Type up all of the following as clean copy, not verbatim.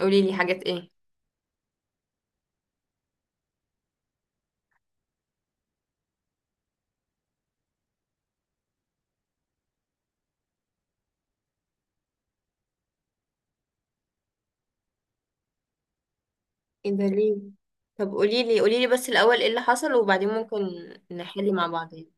قولي لي حاجات ايه. ايه ده ليه؟ طب قولي لي بس الاول ايه اللي حصل، وبعدين ممكن نحل مع بعض يعني.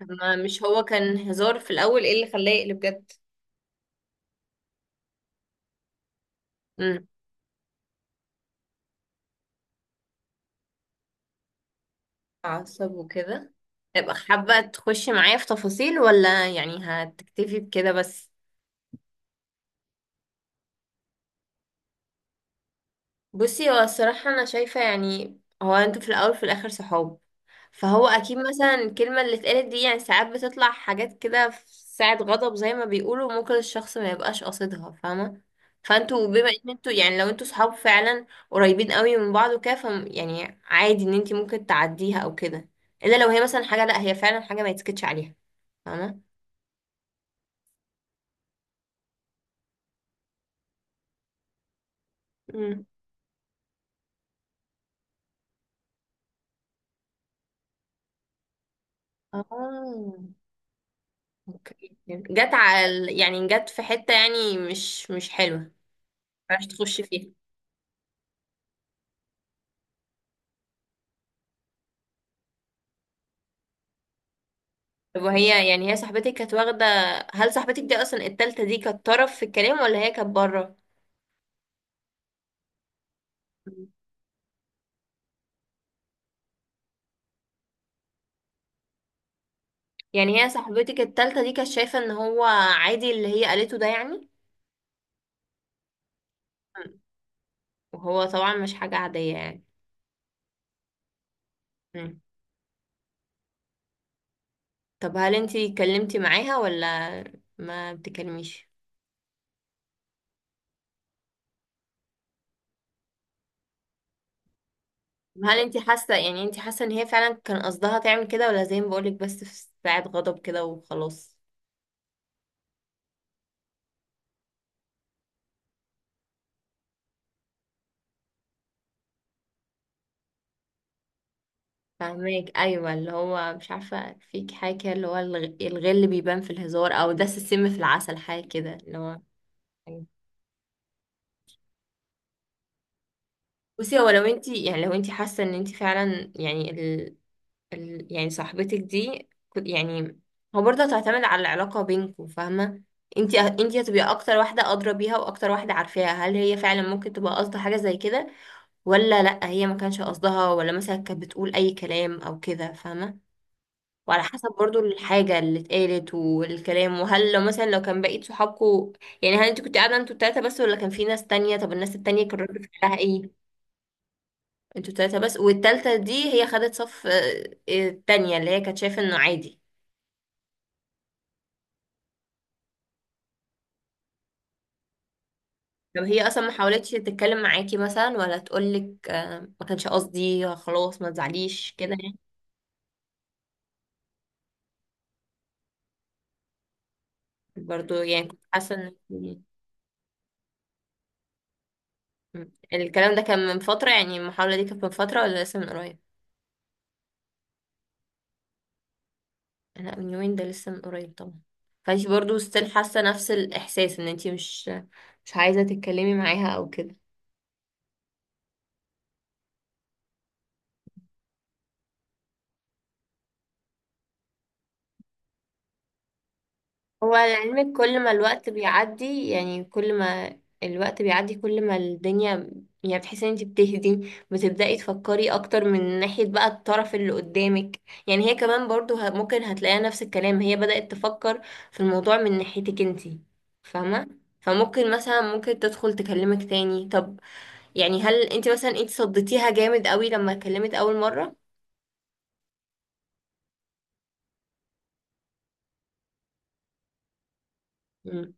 طب ما مش هو كان هزار في الاول؟ ايه اللي خلاه يقلب جد؟ امم عصب وكده. ابقى حابة تخشي معايا في تفاصيل، ولا يعني هتكتفي بكده بس؟ بصي، هو الصراحة أنا شايفة يعني، هو انتوا في الأول في الآخر صحاب، فهو أكيد مثلا الكلمة اللي اتقالت دي يعني ساعات بتطلع حاجات كده في ساعة غضب، زي ما بيقولوا، ممكن الشخص ما يبقاش قاصدها، فاهمة؟ فانتوا بما ان انتوا يعني، لو انتوا صحاب فعلا قريبين قوي من بعض وكده، ف يعني عادي ان انتي ممكن تعديها او كده. الا لو هي مثلا حاجة، لا هي فعلا حاجة ما يتسكتش عليها، فاهمة؟ مم. اه اوكي، يعني جت في حتة يعني مش حلوة. عرفتي تخشي فيها؟ طب وهي يعني، هي صاحبتك كانت واخدة، هل صاحبتك دي أصلا، التالتة دي، كانت طرف في الكلام، ولا هي كانت بره؟ يعني هي صاحبتك التالتة دي كانت شايفة ان هو عادي اللي هي قالته ده يعني؟ مم. وهو طبعا مش حاجة عادية يعني. مم. طب هل انتي اتكلمتي معاها ولا ما بتكلميش؟ هل انتي حاسة يعني، انتي حاسة ان هي فعلا كان قصدها تعمل كده، ولا زي ما بقولك بس في ساعة غضب كده وخلاص؟ فاهمك. ايوه، اللي هو مش عارفه فيك حاجه كده، اللي هو الغل بيبان في الهزار، او دس السم في العسل، حاجه كده اللي هو. بصي، هو لو انت يعني، لو انت حاسه ان انت فعلا يعني ال... ال... يعني صاحبتك دي يعني، هو برضه هتعتمد على العلاقه بينكم، فاهمه؟ انت هتبقي اكتر واحده ادرى بيها واكتر واحده عارفاها، هل هي فعلا ممكن تبقى قصدها حاجه زي كده، ولا لا هي ما كانش قصدها، ولا مثلا كانت بتقول اي كلام او كده، فاهمه؟ وعلى حسب برضو الحاجة اللي اتقالت والكلام، وهل لو مثلا لو كان بقية صحابكم، يعني هل انت كنت قاعدة انتوا التلاتة بس، ولا كان في ناس تانية؟ طب الناس التانية كان رد فعلها ايه؟ انتوا التلاتة بس، والتالتة دي هي خدت صف التانية، اللي هي كانت شايفة انه عادي. طب هي اصلا ما حاولتش تتكلم معاكي مثلا، ولا تقولك ما كانش قصدي، خلاص ما تزعليش كده يعني؟ برضو يعني كنت حاسة ان الكلام ده كان من فترة؟ يعني المحاولة دي كانت من فترة، ولا لسه من قريب؟ لا من يومين ده، لسه من قريب طبعا. فانتي برضو ستيل حاسه نفس الاحساس، ان انتي مش عايزه تتكلمي معاها او كده؟ هو لعلمك كل ما الوقت بيعدي، يعني كل ما الوقت بيعدي، كل ما الدنيا يعني بتحسي ان انتي بتهدي، بتبدأي تفكري اكتر من ناحية بقى الطرف اللي قدامك، يعني هي كمان برضو ممكن هتلاقيها نفس الكلام، هي بدأت تفكر في الموضوع من ناحيتك انتي، فاهمة؟ فممكن مثلا ممكن تدخل تكلمك تاني. طب يعني هل انت مثلا، انت صدتيها جامد قوي لما اتكلمت اول مرة؟ مم.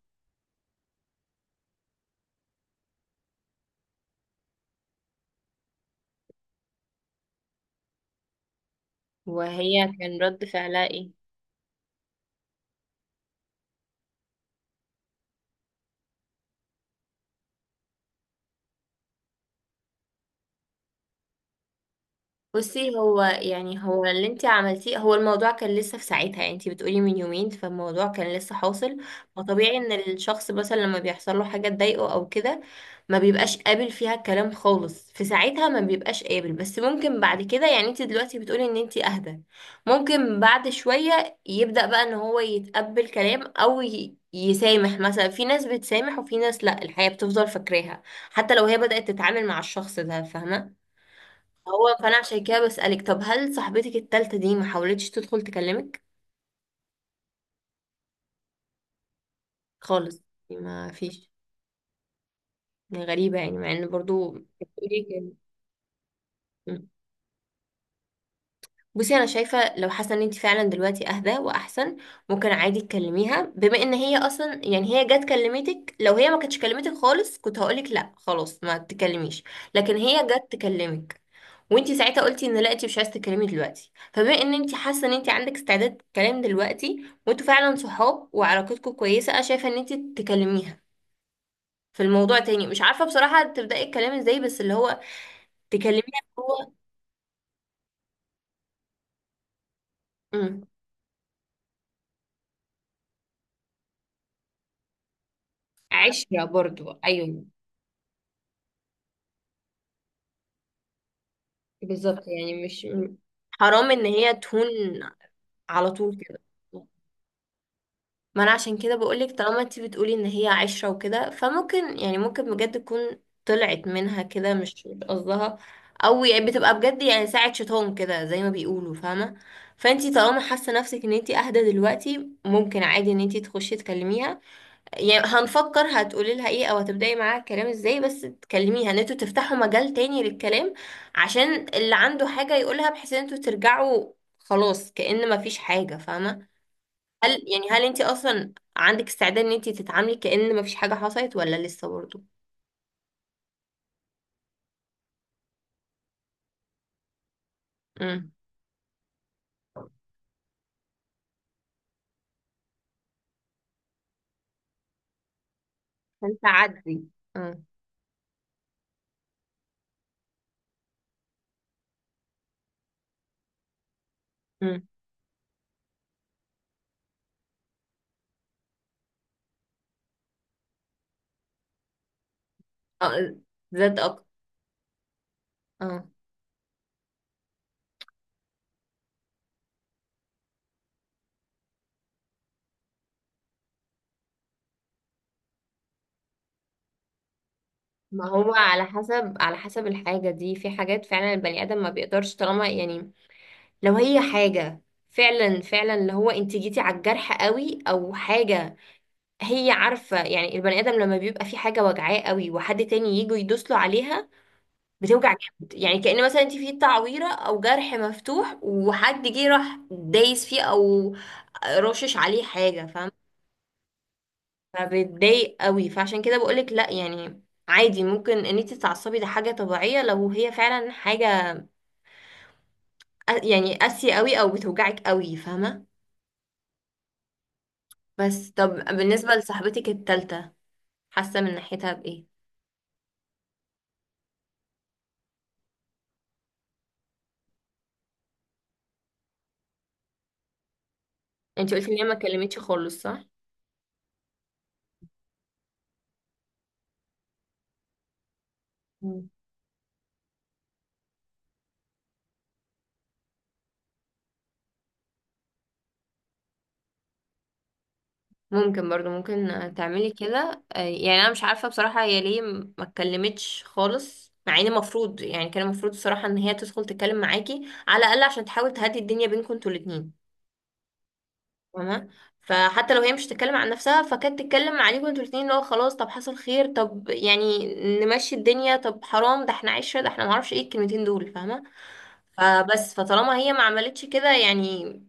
وهي كان رد فعلها ايه؟ بصي، هو يعني، هو اللي انت عملتيه، هو الموضوع كان لسه في ساعتها، يعني انت بتقولي من يومين، فالموضوع كان لسه حاصل. فطبيعي ان الشخص مثلا لما بيحصل له حاجه تضايقه او كده ما بيبقاش قابل فيها الكلام خالص في ساعتها، ما بيبقاش قابل، بس ممكن بعد كده يعني، انت دلوقتي بتقولي ان انت اهدى، ممكن بعد شويه يبدأ بقى ان هو يتقبل كلام، او يسامح. مثلا في ناس بتسامح، وفي ناس لا، الحياه بتفضل فاكراها حتى لو هي بدأت تتعامل مع الشخص ده، فاهمه؟ هو فانا عشان كده بسألك، طب هل صاحبتك التالتة دي ما حاولتش تدخل تكلمك خالص؟ يعني ما فيش يعني؟ غريبة يعني، مع ان برضو بتقولي كده. مم. بصي، انا شايفة لو حاسة ان انت فعلا دلوقتي اهدى واحسن، ممكن عادي تكلميها، بما ان هي اصلا يعني، هي جت كلمتك. لو هي ما كانتش كلمتك خالص كنت هقولك لا خلاص ما تكلميش، لكن هي جت تكلمك وانتي ساعتها قلتي ان لا انتي مش عايزه تتكلمي دلوقتي. فبما ان انتي حاسه ان انتي عندك استعداد تتكلمي دلوقتي، وانتوا فعلا صحاب وعلاقتكم كويسه، انا شايفه ان انتي تكلميها في الموضوع تاني. مش عارفه بصراحه تبداي الكلام ازاي، بس اللي هو تكلميها، اللي هو امم، عشرة برضو ايوه. بالظبط. يعني مش م- حرام ان هي تهون على طول كده. ما انا عشان كده بقولك، طالما انت بتقولي ان هي عشرة وكده، فممكن يعني ممكن بجد تكون طلعت منها كده مش قصدها، او يعني بتبقى بجد يعني ساعة شيطان كده زي ما بيقولوا، فاهمة؟ فانتي طالما حاسة نفسك ان انتي اهدى دلوقتي، ممكن عادي ان انتي تخشي تكلميها. يعني هنفكر هتقولي لها ايه، او هتبدأي معاها الكلام ازاي، بس تكلميها ان انتوا تفتحوا مجال تاني للكلام، عشان اللي عنده حاجة يقولها، بحيث ان انتوا ترجعوا خلاص كأن مفيش حاجة، فاهمة؟ هل يعني هل انت اصلا عندك استعداد ان انت تتعاملي كأن مفيش حاجة حصلت، ولا لسه برضه؟ امم. انت عدي. امم. امم. اه زاد اكتر. اه. ما هو على حسب، على حسب الحاجة دي، في حاجات فعلا البني آدم ما بيقدرش، طالما يعني لو هي حاجة فعلا اللي هو انت جيتي على الجرح قوي، او حاجة هي عارفة، يعني البني آدم لما بيبقى في حاجة وجعاه قوي، وحد تاني يجي يدوس له عليها بتوجع جامد. يعني كأن مثلا انت في تعويرة او جرح مفتوح، وحد جه راح دايس فيه، او رشش عليه حاجة، فاهم؟ فبتضايق قوي، فعشان كده بقولك لا يعني عادي ممكن ان انت تتعصبي، ده حاجة طبيعية، لو هي فعلا حاجة يعني قاسية قوي او بتوجعك قوي، فاهمة؟ بس طب بالنسبة لصاحبتك التالتة، حاسة من ناحيتها بإيه؟ انت قلتي ان هي ما كلمتش خالص، صح؟ ممكن برضو، ممكن تعملي كده يعني انا مش عارفه بصراحه هي ليه ما اتكلمتش خالص، مع ان المفروض يعني، كان المفروض الصراحه ان هي تدخل تتكلم معاكي على الاقل عشان تحاول تهدي الدنيا بينكم انتوا الاتنين، فاهمة؟ فحتى لو هي مش تتكلم عن نفسها، فكانت تتكلم عليكم انتوا الاتنين، اللي هو خلاص طب حصل خير، طب يعني نمشي الدنيا، طب حرام، ده احنا عشرة، ده احنا معرفش ايه الكلمتين دول، فاهمة؟ فبس فطالما هي ما عملتش كده يعني،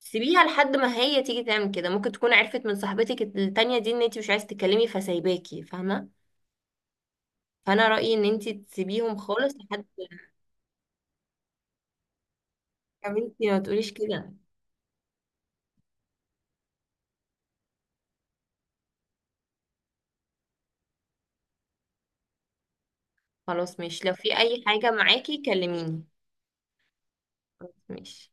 سيبيها لحد ما هي تيجي تعمل كده. ممكن تكون عرفت من صاحبتك التانية دي ان انتي مش عايزة تتكلمي، فسايباكي، فاهمة؟ فانا رأيي ان انتي تسيبيهم خالص لحد. يا بنتي ما تقوليش كده. خلاص ماشي، لو في اي حاجة معاكي كلميني. خلاص ماشي.